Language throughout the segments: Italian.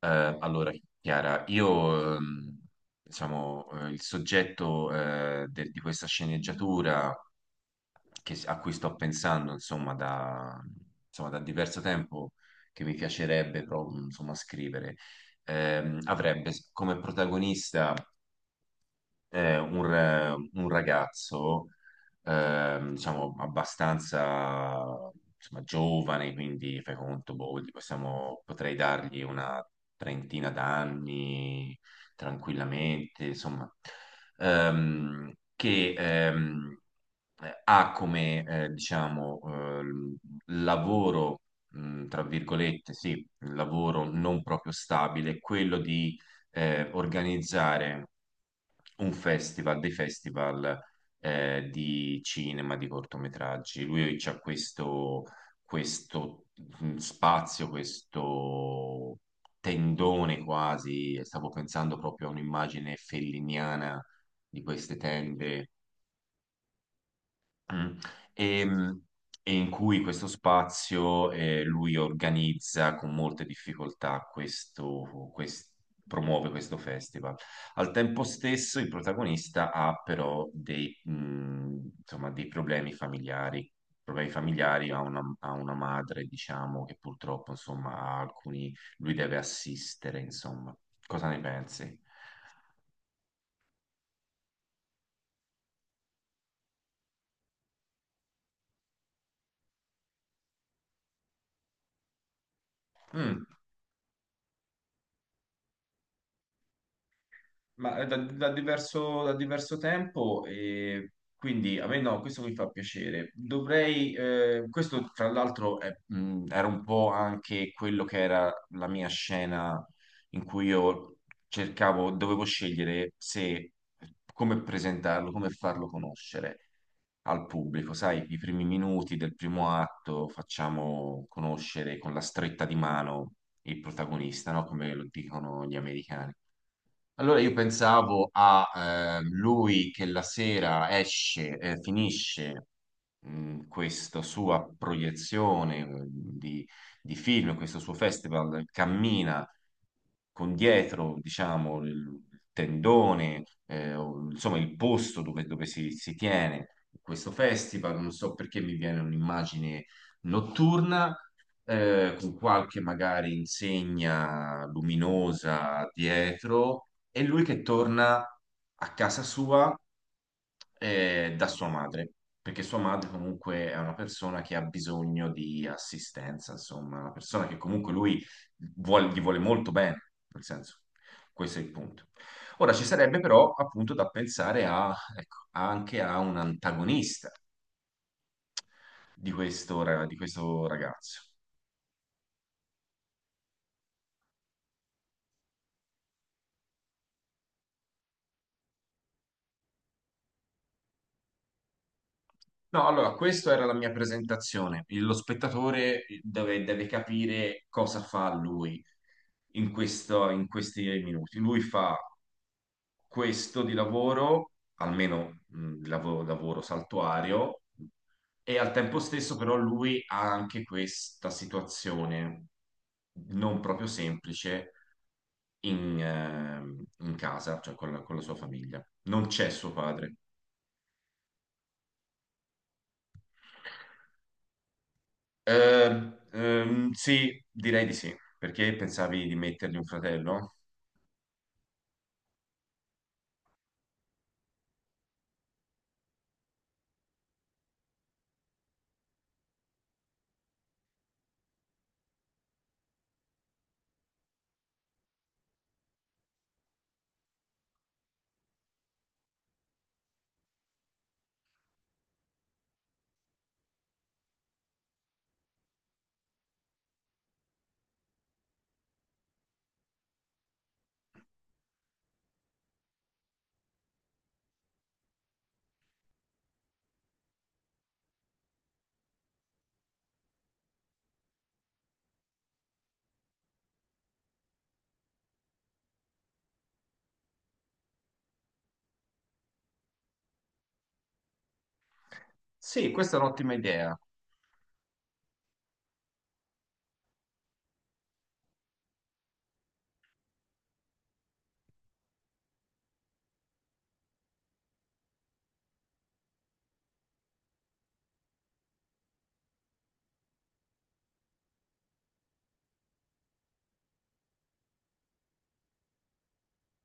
Eh, allora, Chiara, io, diciamo, il soggetto di questa sceneggiatura a cui sto pensando, insomma, da diverso tempo, che mi piacerebbe, insomma, scrivere, avrebbe come protagonista un ragazzo, diciamo, abbastanza insomma, giovane, quindi fai conto, boh, potrei dargli una trentina d'anni tranquillamente, insomma, che ha come, diciamo, lavoro, tra virgolette, sì, lavoro non proprio stabile, quello di organizzare un festival, dei festival di cinema, di cortometraggi. Lui c'ha questo spazio, questo tendone quasi, stavo pensando proprio a un'immagine felliniana di queste tende. Mm. E, mh, e in cui questo spazio lui organizza con molte difficoltà promuove questo festival. Al tempo stesso il protagonista ha però insomma, dei problemi familiari. Problemi familiari, ha una madre, diciamo, che purtroppo, insomma, ha alcuni, lui deve assistere, insomma. Cosa ne pensi? Mm. Da da diverso tempo e quindi a me no, questo mi fa piacere. Questo tra l'altro è, era un po' anche quello che era la mia scena in cui io cercavo, dovevo scegliere se, come presentarlo, come farlo conoscere al pubblico. Sai, i primi minuti del primo atto facciamo conoscere con la stretta di mano il protagonista, no? Come lo dicono gli americani. Allora io pensavo a lui che la sera esce, finisce questa sua proiezione eh, di, di film, questo suo festival cammina con dietro, diciamo, il tendone, o, insomma, il posto dove si tiene questo festival. Non so perché mi viene un'immagine notturna, con qualche magari insegna luminosa dietro, e lui che torna a casa sua, da sua madre, perché sua madre comunque è una persona che ha bisogno di assistenza, insomma, una persona che comunque lui gli vuole molto bene, nel senso, questo è il punto. Ora ci sarebbe però appunto da pensare a, ecco, anche a un antagonista di questo ragazzo. No, allora, questa era la mia presentazione. Lo spettatore deve, deve capire cosa fa lui in questi minuti. Lui fa questo di lavoro, almeno lavoro saltuario, e al tempo stesso però lui ha anche questa situazione non proprio semplice in casa, cioè con con la sua famiglia. Non c'è suo padre. Sì, direi di sì. Perché pensavi di mettergli un fratello? Sì, questa è un'ottima idea.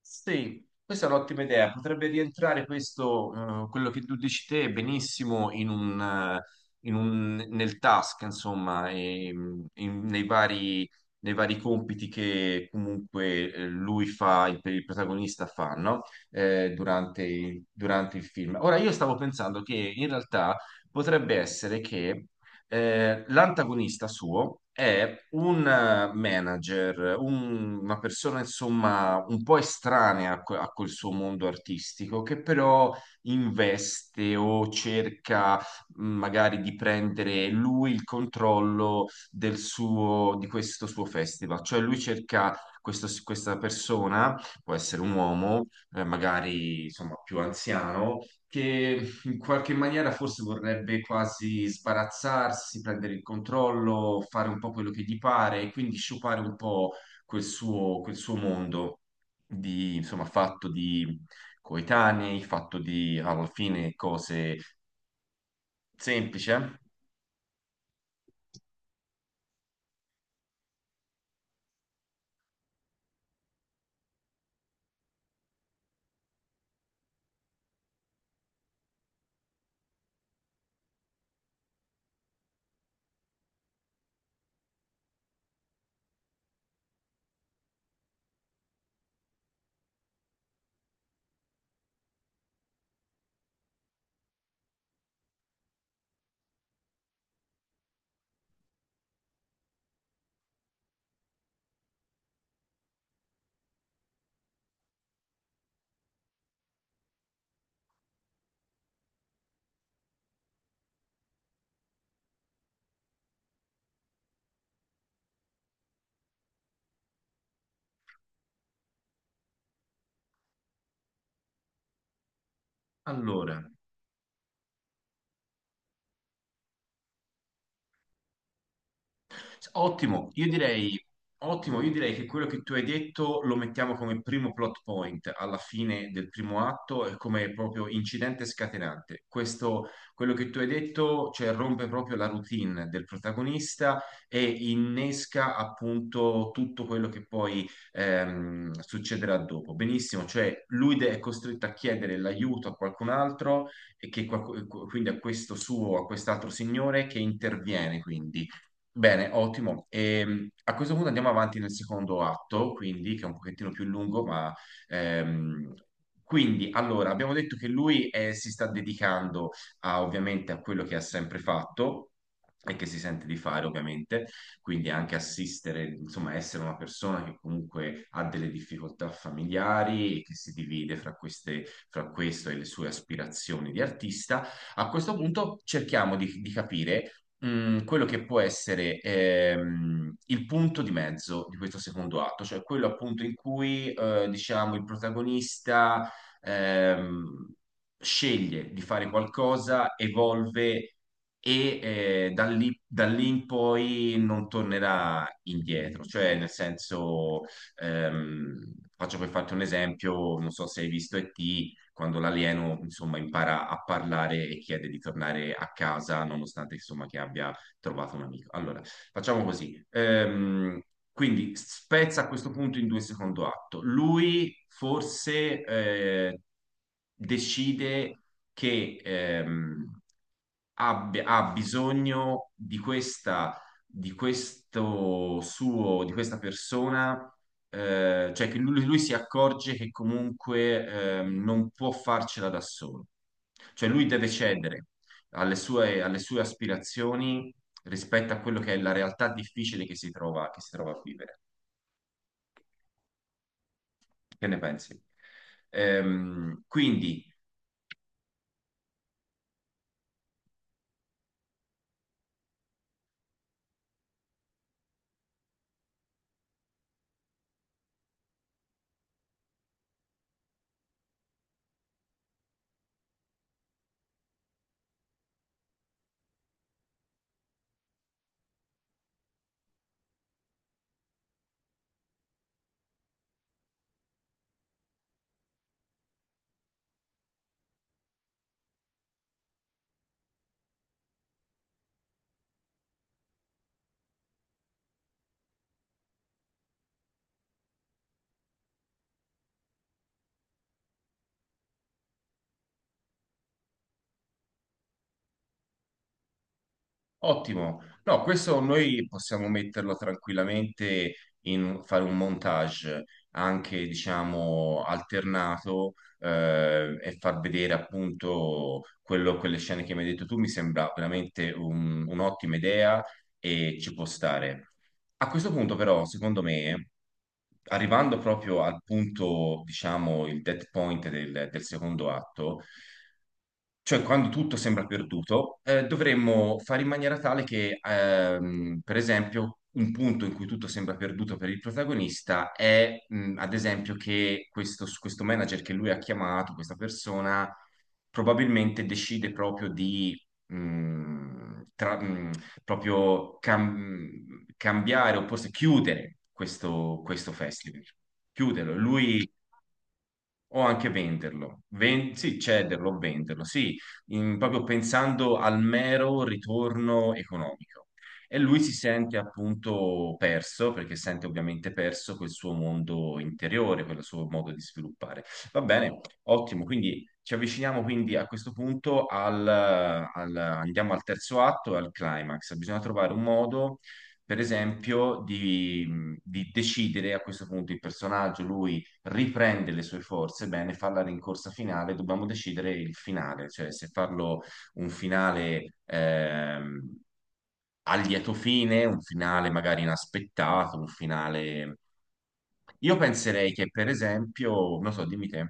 Sì, questa è un'ottima idea. Potrebbe rientrare questo, quello che tu dici te, benissimo nel task, insomma, e, in- nei vari, nei vari compiti che comunque lui fa, il protagonista fa, no? Durante il film. Ora, io stavo pensando che in realtà potrebbe essere che l'antagonista suo è un manager, una persona insomma un po' estranea a, a quel suo mondo artistico, che però investe o cerca magari di prendere lui il controllo del suo, di questo suo festival. Cioè lui cerca questa persona, può essere un uomo, magari insomma più anziano, che in qualche maniera forse vorrebbe quasi sbarazzarsi, prendere il controllo, fare un po' quello che gli pare e quindi sciupare un po' quel suo mondo di, insomma, fatto di coetanei, fatto di alla fine cose semplici. Eh. Allora. Ottimo, io direi, ottimo, io direi che quello che tu hai detto lo mettiamo come primo plot point alla fine del primo atto e come proprio incidente scatenante. Questo, quello che tu hai detto, cioè, rompe proprio la routine del protagonista e innesca appunto tutto quello che poi succederà dopo. Benissimo, cioè è costretto a chiedere l'aiuto a qualcun altro e che quindi a a quest'altro signore che interviene quindi. Bene, ottimo. A questo punto andiamo avanti nel secondo atto, quindi che è un pochettino più lungo, ma ehm, quindi allora abbiamo detto che lui si sta dedicando a, ovviamente a quello che ha sempre fatto e che si sente di fare, ovviamente, quindi anche assistere, insomma, essere una persona che comunque ha delle difficoltà familiari e che si divide fra queste, fra questo e le sue aspirazioni di artista. A questo punto cerchiamo di capire mm, quello che può essere il punto di mezzo di questo secondo atto, cioè quello appunto in cui diciamo il protagonista ehm, sceglie di fare qualcosa, evolve e da lì in poi non tornerà indietro, cioè nel senso, ehm, faccio per farti un esempio, non so se hai visto E.T., quando l'alieno insomma impara a parlare e chiede di tornare a casa nonostante insomma che abbia trovato un amico. Allora, facciamo così. Quindi spezza a questo punto in due il secondo atto. Lui forse decide che ha bisogno di questa, di questo suo, di questa persona, cioè che lui si accorge che comunque non può farcela da solo. Cioè lui deve cedere alle sue aspirazioni rispetto a quello che è la realtà difficile che si trova a vivere. Che ne pensi? Ehm, quindi Ottimo. No, questo noi possiamo metterlo tranquillamente in fare un montage anche, diciamo, alternato e far vedere appunto quello, quelle scene che mi hai detto tu. Mi sembra veramente un'ottima idea e ci può stare. A questo punto, però, secondo me, arrivando proprio al punto, diciamo, il dead point del secondo atto, cioè quando tutto sembra perduto, dovremmo fare in maniera tale che, per esempio, un punto in cui tutto sembra perduto per il protagonista è, ad esempio, che questo manager che lui ha chiamato, questa persona, probabilmente decide proprio di... mh, tra- mh, proprio cambiare o forse chiudere questo festival. Chiuderlo. Lui o anche venderlo. Sì, cederlo o venderlo, sì, in- proprio pensando al mero ritorno economico. E lui si sente appunto perso, perché sente ovviamente perso quel suo mondo interiore, quel suo modo di sviluppare. Va bene, ottimo, quindi ci avviciniamo quindi a questo punto al, andiamo al terzo atto e al climax. Bisogna trovare un modo, per esempio, di decidere a questo punto il personaggio, lui riprende le sue forze, bene, fa la rincorsa finale, dobbiamo decidere il finale, cioè se farlo un finale a lieto fine, un finale magari inaspettato, un finale... Io penserei che, per esempio, non so, dimmi te.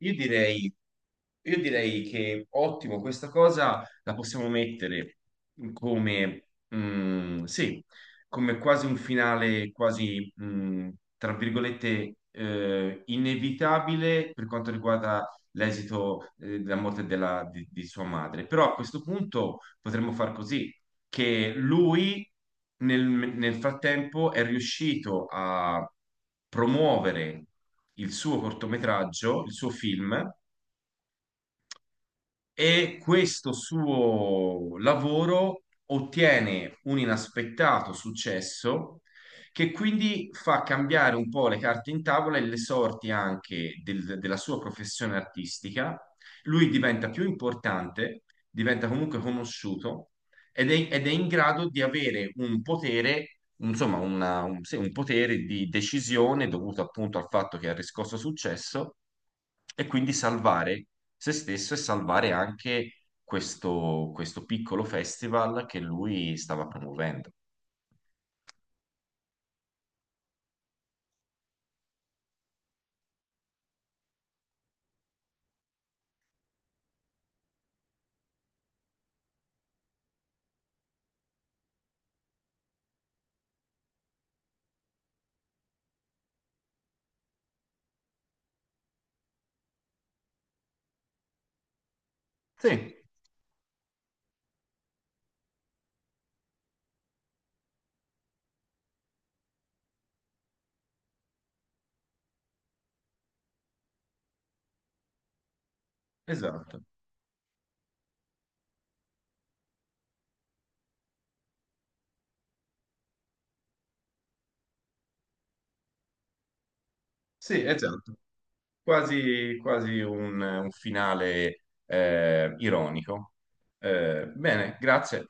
Io direi, io direi che ottimo, questa cosa la possiamo mettere come, sì, come quasi un finale, quasi, mm, tra virgolette, inevitabile per quanto riguarda l'esito, della di sua madre. Però a questo punto potremmo far così che lui nel frattempo è riuscito a promuovere il suo cortometraggio, il suo film, e questo suo lavoro ottiene un inaspettato successo che quindi fa cambiare un po' le carte in tavola e le sorti anche della sua professione artistica. Lui diventa più importante, diventa comunque conosciuto ed è in grado di avere un potere, insomma, sì, un potere di decisione dovuto appunto al fatto che ha riscosso successo e quindi salvare se stesso e salvare anche questo piccolo festival che lui stava promuovendo. Sì, esatto. Sì, esatto. Quasi, quasi un finale ironico. Bene, grazie.